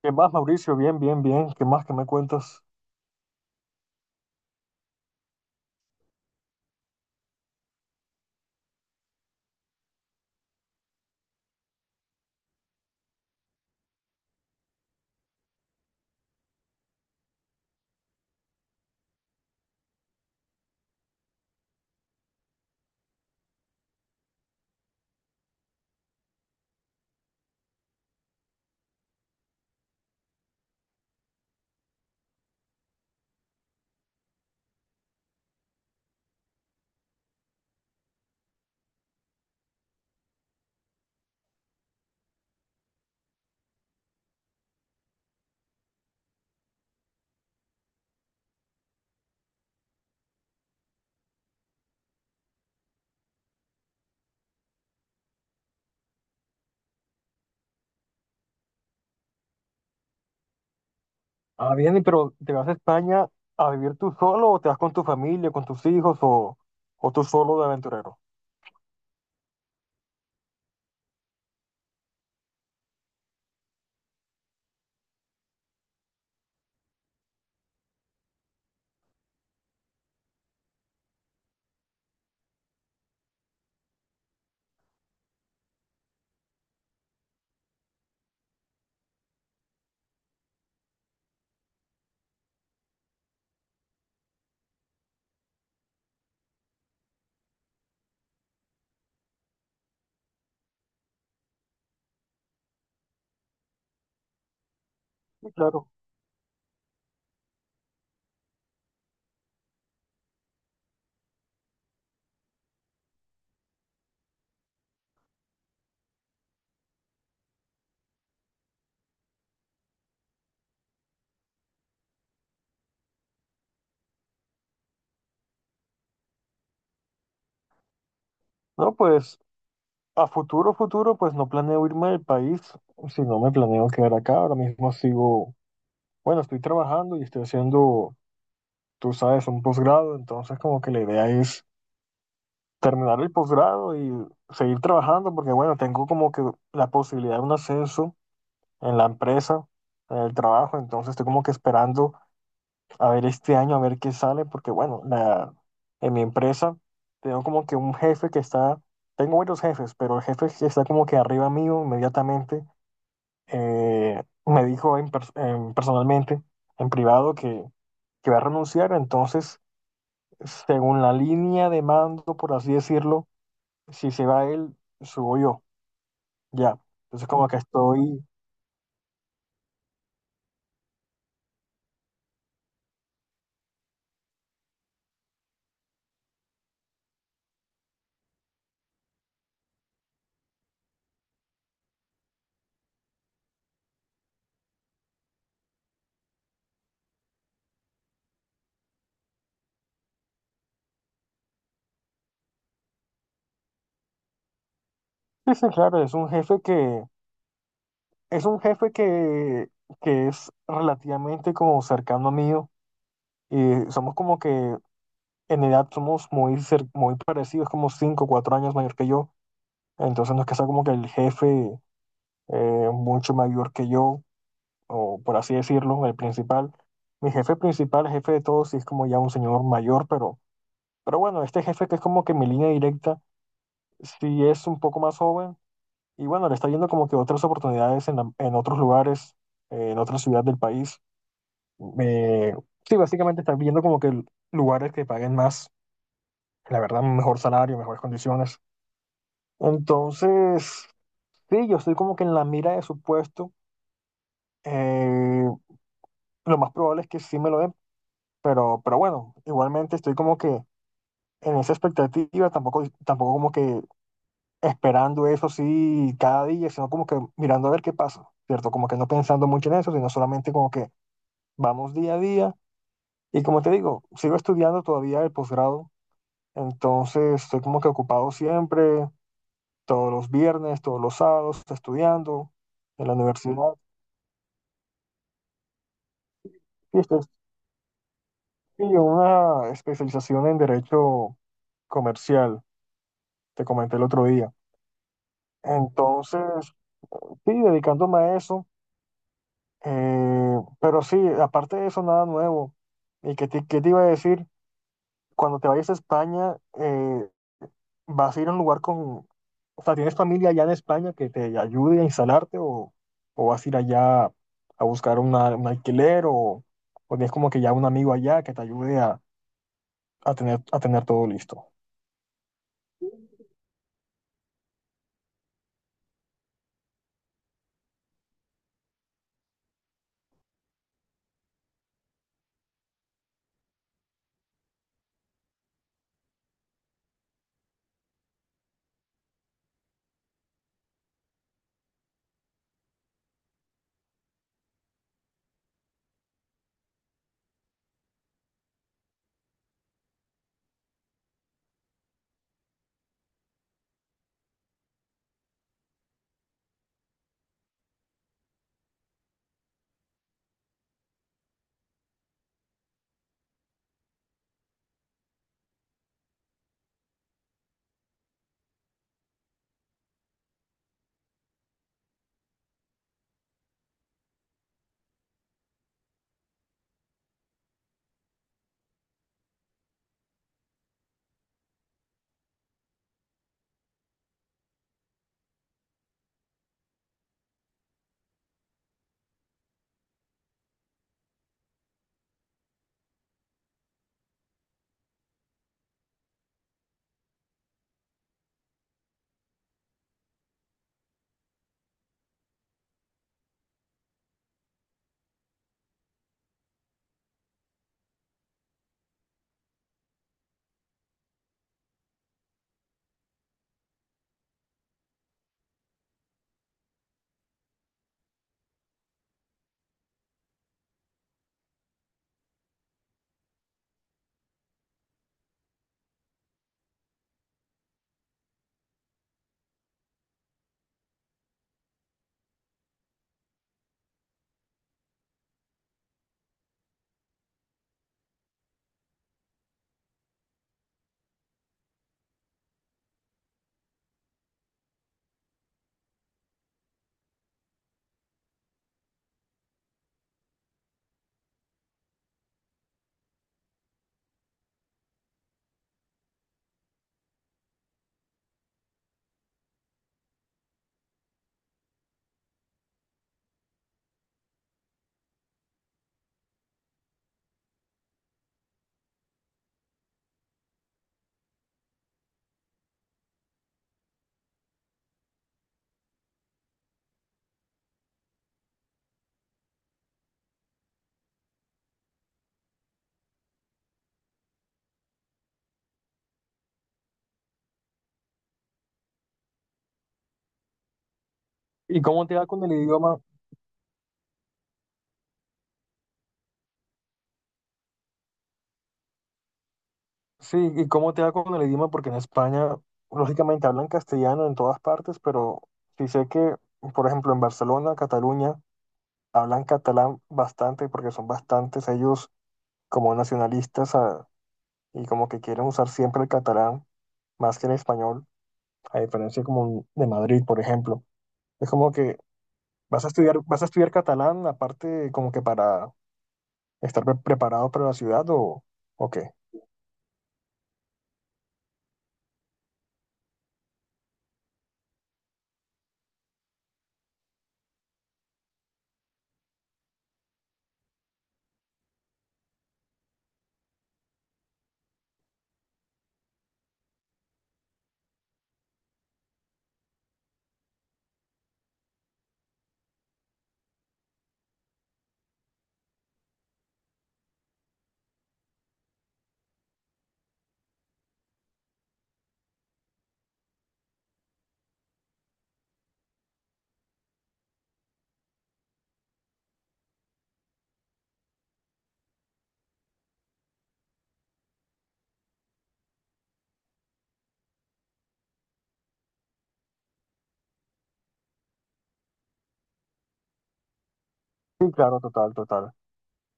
¿Qué más, Mauricio? Bien, bien, bien. ¿Qué más? ¿Qué me cuentas? Ah, bien, y ¿pero te vas a España a vivir tú solo o te vas con tu familia, con tus hijos o tú solo de aventurero? Sí, claro. No, pues a futuro, futuro, pues no planeo irme del país, si no me planeo quedar acá. Ahora mismo sigo, bueno, estoy trabajando y estoy haciendo, tú sabes, un posgrado, entonces como que la idea es terminar el posgrado y seguir trabajando porque, bueno, tengo como que la posibilidad de un ascenso en la empresa, en el trabajo, entonces estoy como que esperando a ver este año, a ver qué sale, porque bueno, la, en mi empresa tengo como que un jefe que está, tengo varios jefes, pero el jefe que está como que arriba mío inmediatamente me dijo personalmente, en privado, que va a renunciar, entonces según la línea de mando, por así decirlo, si se va él, subo yo, ya. Entonces como que estoy... Sí, sí, claro, es un jefe que. Es un jefe que es relativamente como cercano a mí y somos como que en edad somos muy, muy parecidos, como 5 o 4 años mayor que yo. Entonces no es que sea como que el jefe mucho mayor que yo, o por así decirlo, el principal. Mi jefe principal, el jefe de todos, sí es como ya un señor mayor, pero bueno, este jefe que es como que mi línea directa, sí es un poco más joven y bueno, le está yendo como que otras oportunidades en, en otros lugares, en otra ciudad del país. Eh, sí, básicamente estás viendo como que lugares que paguen más, la verdad, un mejor salario, mejores condiciones. Entonces, sí, yo estoy como que en la mira de su puesto. Eh, lo más probable es que sí me lo den, pero bueno, igualmente estoy como que en esa expectativa, tampoco, tampoco como que esperando eso sí cada día, sino como que mirando a ver qué pasa, ¿cierto? Como que no pensando mucho en eso, sino solamente como que vamos día a día. Y como te digo, sigo estudiando todavía el posgrado. Entonces estoy como que ocupado siempre, todos los viernes, todos los sábados, estudiando en la universidad. Y estoy sí, en una especialización en derecho comercial, te comenté el otro día. Entonces, sí, dedicándome a eso. Pero sí, aparte de eso, nada nuevo. ¿Y qué te iba a decir? Cuando te vayas a España, vas a ir a un lugar con, o sea, ¿tienes familia allá en España que te ayude a instalarte o vas a ir allá a buscar un alquiler o tienes como que ya un amigo allá que te ayude a tener todo listo? ¿Y cómo te va con el idioma? Sí, ¿y cómo te va con el idioma? Porque en España, lógicamente, hablan castellano en todas partes, pero sí sé que, por ejemplo, en Barcelona, Cataluña, hablan catalán bastante porque son bastantes ellos como nacionalistas ah, y como que quieren usar siempre el catalán más que en español, a diferencia como de Madrid, por ejemplo. Es como que vas a estudiar catalán, aparte como que para estar preparado para la ciudad o qué. Sí, claro, total, total.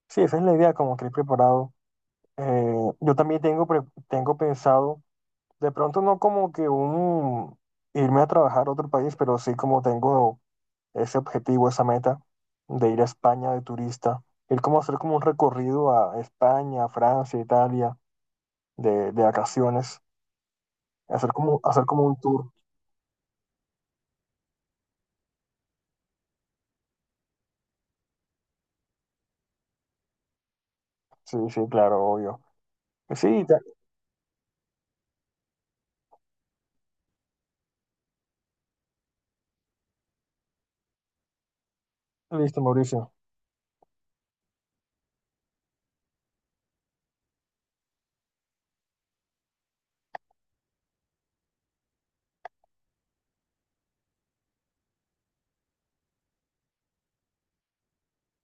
Sí, esa es la idea, como que ir preparado. Eh, yo también tengo, tengo pensado, de pronto no como que un irme a trabajar a otro país, pero sí como tengo ese objetivo, esa meta de ir a España de turista, ir como a hacer como un recorrido a España, Francia, Italia de vacaciones, hacer como un tour. Sí, sí, claro, obvio. Pues sí, ya- listo, Mauricio.